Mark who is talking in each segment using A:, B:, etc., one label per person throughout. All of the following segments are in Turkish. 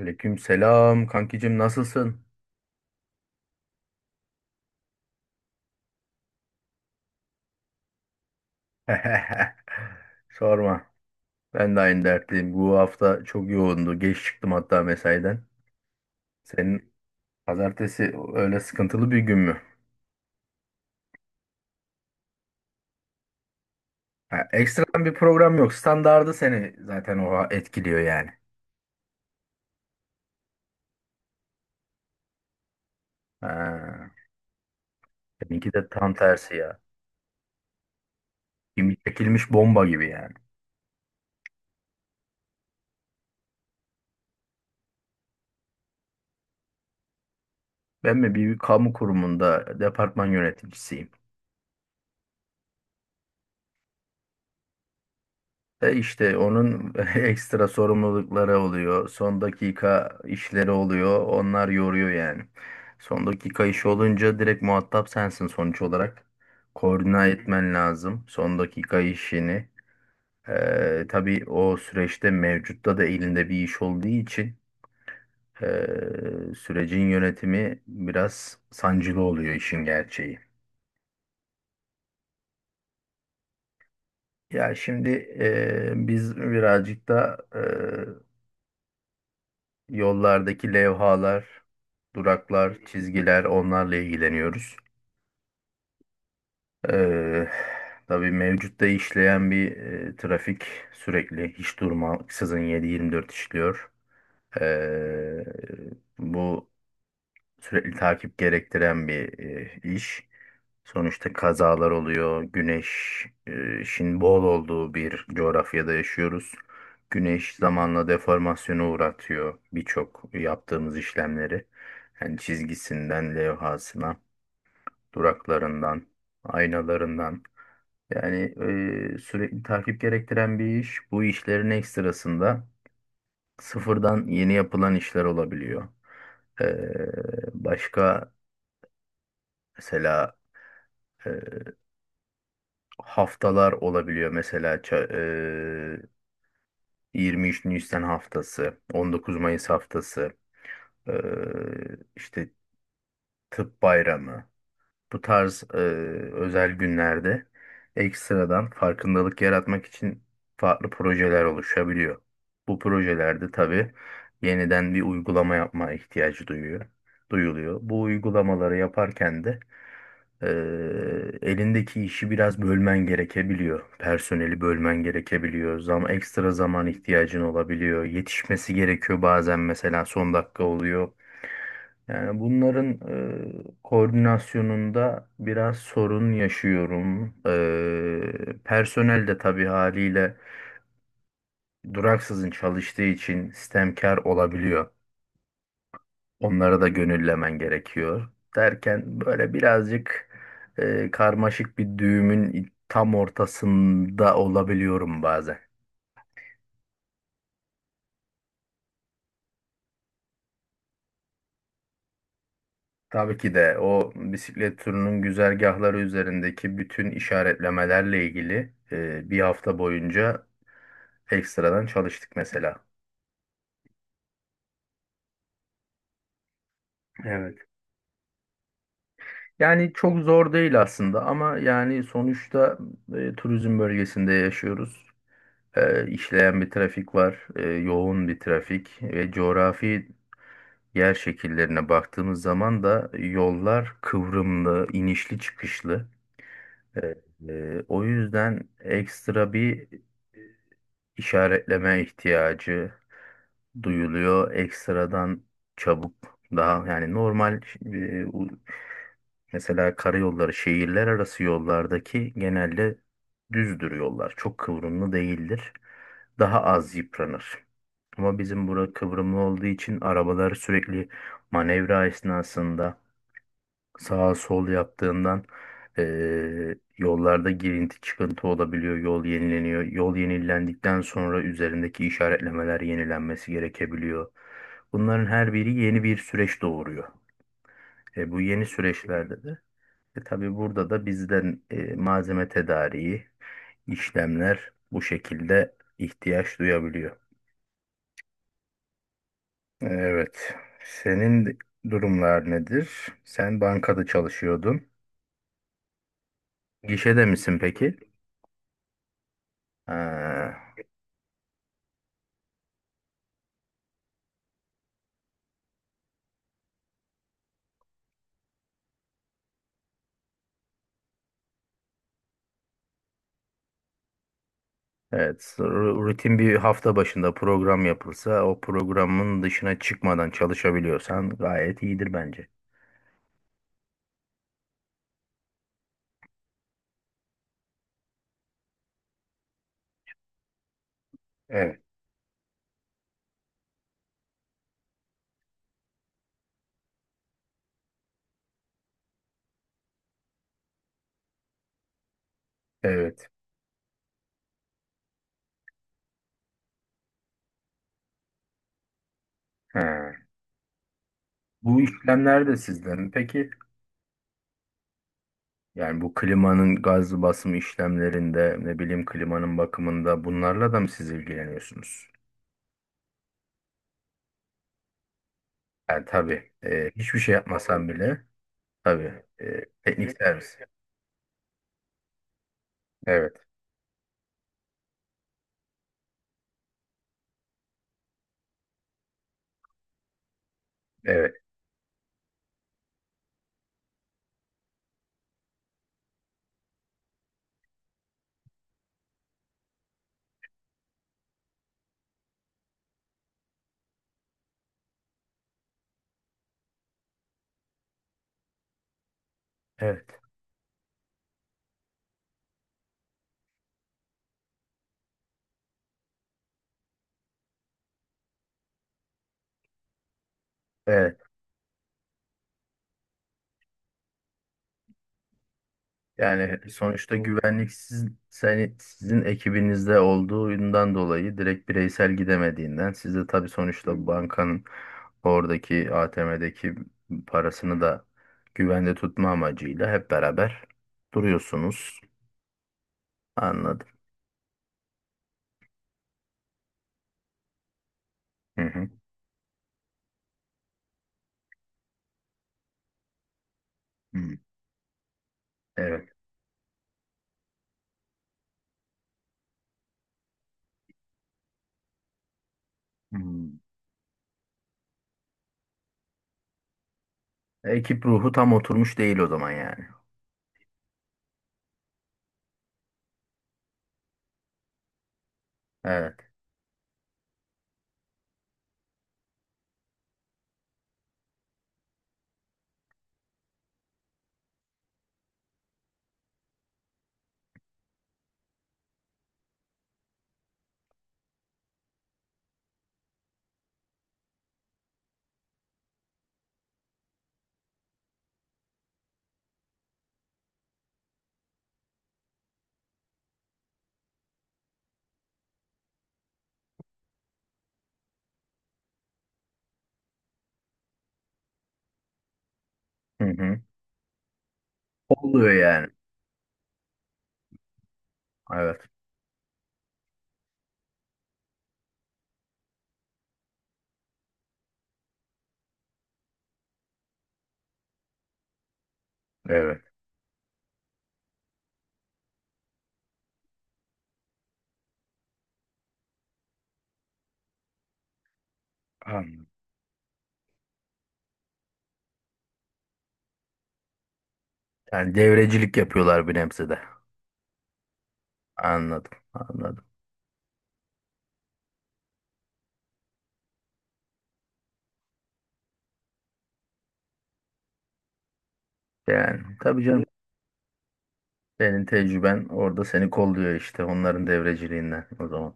A: Aleyküm selam kankicim nasılsın? Sorma. Ben de aynı dertliyim. Bu hafta çok yoğundu. Geç çıktım hatta mesaiden. Senin pazartesi öyle sıkıntılı bir gün mü? Ha, ekstradan bir program yok. Standardı seni zaten o etkiliyor yani. Ha, seninki de tam tersi ya. Kimi çekilmiş bomba gibi yani. Ben mi bir kamu kurumunda departman yöneticisiyim. E işte onun ekstra sorumlulukları oluyor. Son dakika işleri oluyor. Onlar yoruyor yani. Son dakika işi olunca direkt muhatap sensin sonuç olarak. Koordine etmen lazım son dakika işini. Tabii o süreçte mevcutta da elinde bir iş olduğu için e, sürecin yönetimi biraz sancılı oluyor işin gerçeği. Ya şimdi biz birazcık da yollardaki levhalar, duraklar, çizgiler onlarla ilgileniyoruz. Ee, tabii mevcutta işleyen bir trafik sürekli hiç durmaksızın 7-24 işliyor. Ee, Bu sürekli takip gerektiren bir iş. Sonuçta kazalar oluyor. Güneş, şimdi bol olduğu bir coğrafyada yaşıyoruz. Güneş zamanla deformasyona uğratıyor birçok yaptığımız işlemleri. Yani çizgisinden levhasına, duraklarından, aynalarından. Yani sürekli takip gerektiren bir iş. Bu işlerin ekstrasında sıfırdan yeni yapılan işler olabiliyor. Ee, Başka mesela e, haftalar olabiliyor. Mesela 23 Nisan haftası, 19 Mayıs haftası, e, işte Tıp Bayramı. Bu tarz özel günlerde ekstradan farkındalık yaratmak için farklı projeler oluşabiliyor. Bu projelerde tabii yeniden bir uygulama yapma ihtiyacı duyuyor, duyuluyor. Bu uygulamaları yaparken de Ee, elindeki işi biraz bölmen gerekebiliyor. Personeli bölmen gerekebiliyor. Ekstra zaman ihtiyacın olabiliyor. Yetişmesi gerekiyor bazen mesela son dakika oluyor. Yani bunların koordinasyonunda biraz sorun yaşıyorum. Personel de tabii haliyle duraksızın çalıştığı için sistemkar olabiliyor. Onları da gönüllemen gerekiyor. Derken böyle birazcık karmaşık bir düğümün tam ortasında olabiliyorum bazen. Tabii ki de o bisiklet turunun güzergahları üzerindeki bütün işaretlemelerle ilgili bir hafta boyunca ekstradan çalıştık mesela. Evet. Yani çok zor değil aslında ama yani sonuçta turizm bölgesinde yaşıyoruz. İşleyen bir trafik var, yoğun bir trafik ve coğrafi yer şekillerine baktığımız zaman da yollar kıvrımlı, inişli çıkışlı. Ee, O yüzden ekstra bir işaretleme ihtiyacı duyuluyor. Ekstradan çabuk daha yani normal, mesela karayolları şehirler arası yollardaki genelde düzdür yollar. Çok kıvrımlı değildir. Daha az yıpranır. Ama bizim bura kıvrımlı olduğu için arabalar sürekli manevra esnasında sağa sol yaptığından yollarda girinti çıkıntı olabiliyor. Yol yenileniyor. Yol yenilendikten sonra üzerindeki işaretlemeler yenilenmesi gerekebiliyor. Bunların her biri yeni bir süreç doğuruyor. Bu yeni süreçlerde de tabii burada da bizden malzeme tedariği, işlemler bu şekilde ihtiyaç duyabiliyor. Evet. Senin durumlar nedir? Sen bankada çalışıyordun. Gişede misin peki? Ha. Evet, rutin bir hafta başında program yapılsa o programın dışına çıkmadan çalışabiliyorsan gayet iyidir bence. Evet, evet. Ha. Bu işlemler de sizden mi peki? Yani bu klimanın gaz basımı işlemlerinde, ne bileyim klimanın bakımında bunlarla da mı siz ilgileniyorsunuz? Yani tabii, hiçbir şey yapmasan bile tabii, teknik servis. Evet, evet, evet, evet. Yani sonuçta güvenlik sizin, sizin ekibinizde olduğundan dolayı direkt bireysel gidemediğinden siz de tabii sonuçta bankanın oradaki ATM'deki parasını da güvende tutma amacıyla hep beraber duruyorsunuz. Anladım. Hı hı. Hmm. Evet. Hmm. Ekip ruhu tam oturmuş değil o zaman yani. Evet. Hı hı. Oluyor yani. Evet. Evet. Anladım. Yani devrecilik yapıyorlar bir nebze de. Anladım. Anladım. Yani tabii canım senin tecrüben orada seni kolluyor işte onların devreciliğinden o zaman.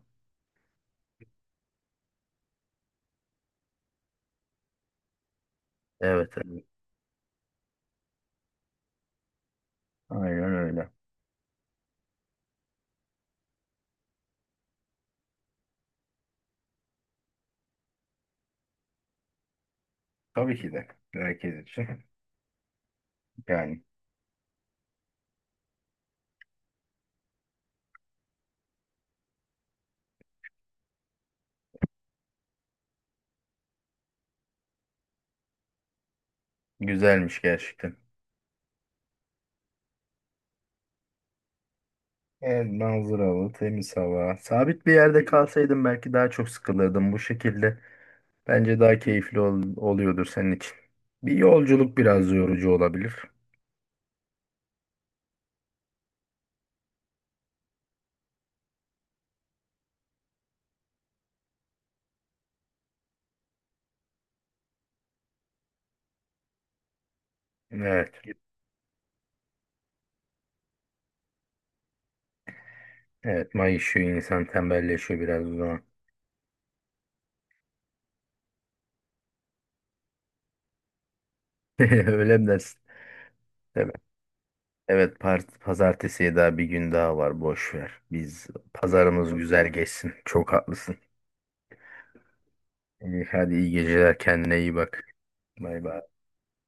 A: Evet, evet, aynen öyle. Tabii ki de herkes için. Yani güzelmiş gerçekten. Evet, manzaralı, temiz hava. Sabit bir yerde kalsaydım belki daha çok sıkılırdım bu şekilde. Bence daha keyifli oluyordur senin için. Bir yolculuk biraz yorucu olabilir. Evet. Evet, mayışıyor insan tembelleşiyor biraz o zaman. Öyle mi dersin? Evet, pazartesiye daha bir gün daha var. Boş ver. Biz pazarımız güzel geçsin. Çok haklısın. İyi, hadi iyi geceler. Kendine iyi bak. Bay bay.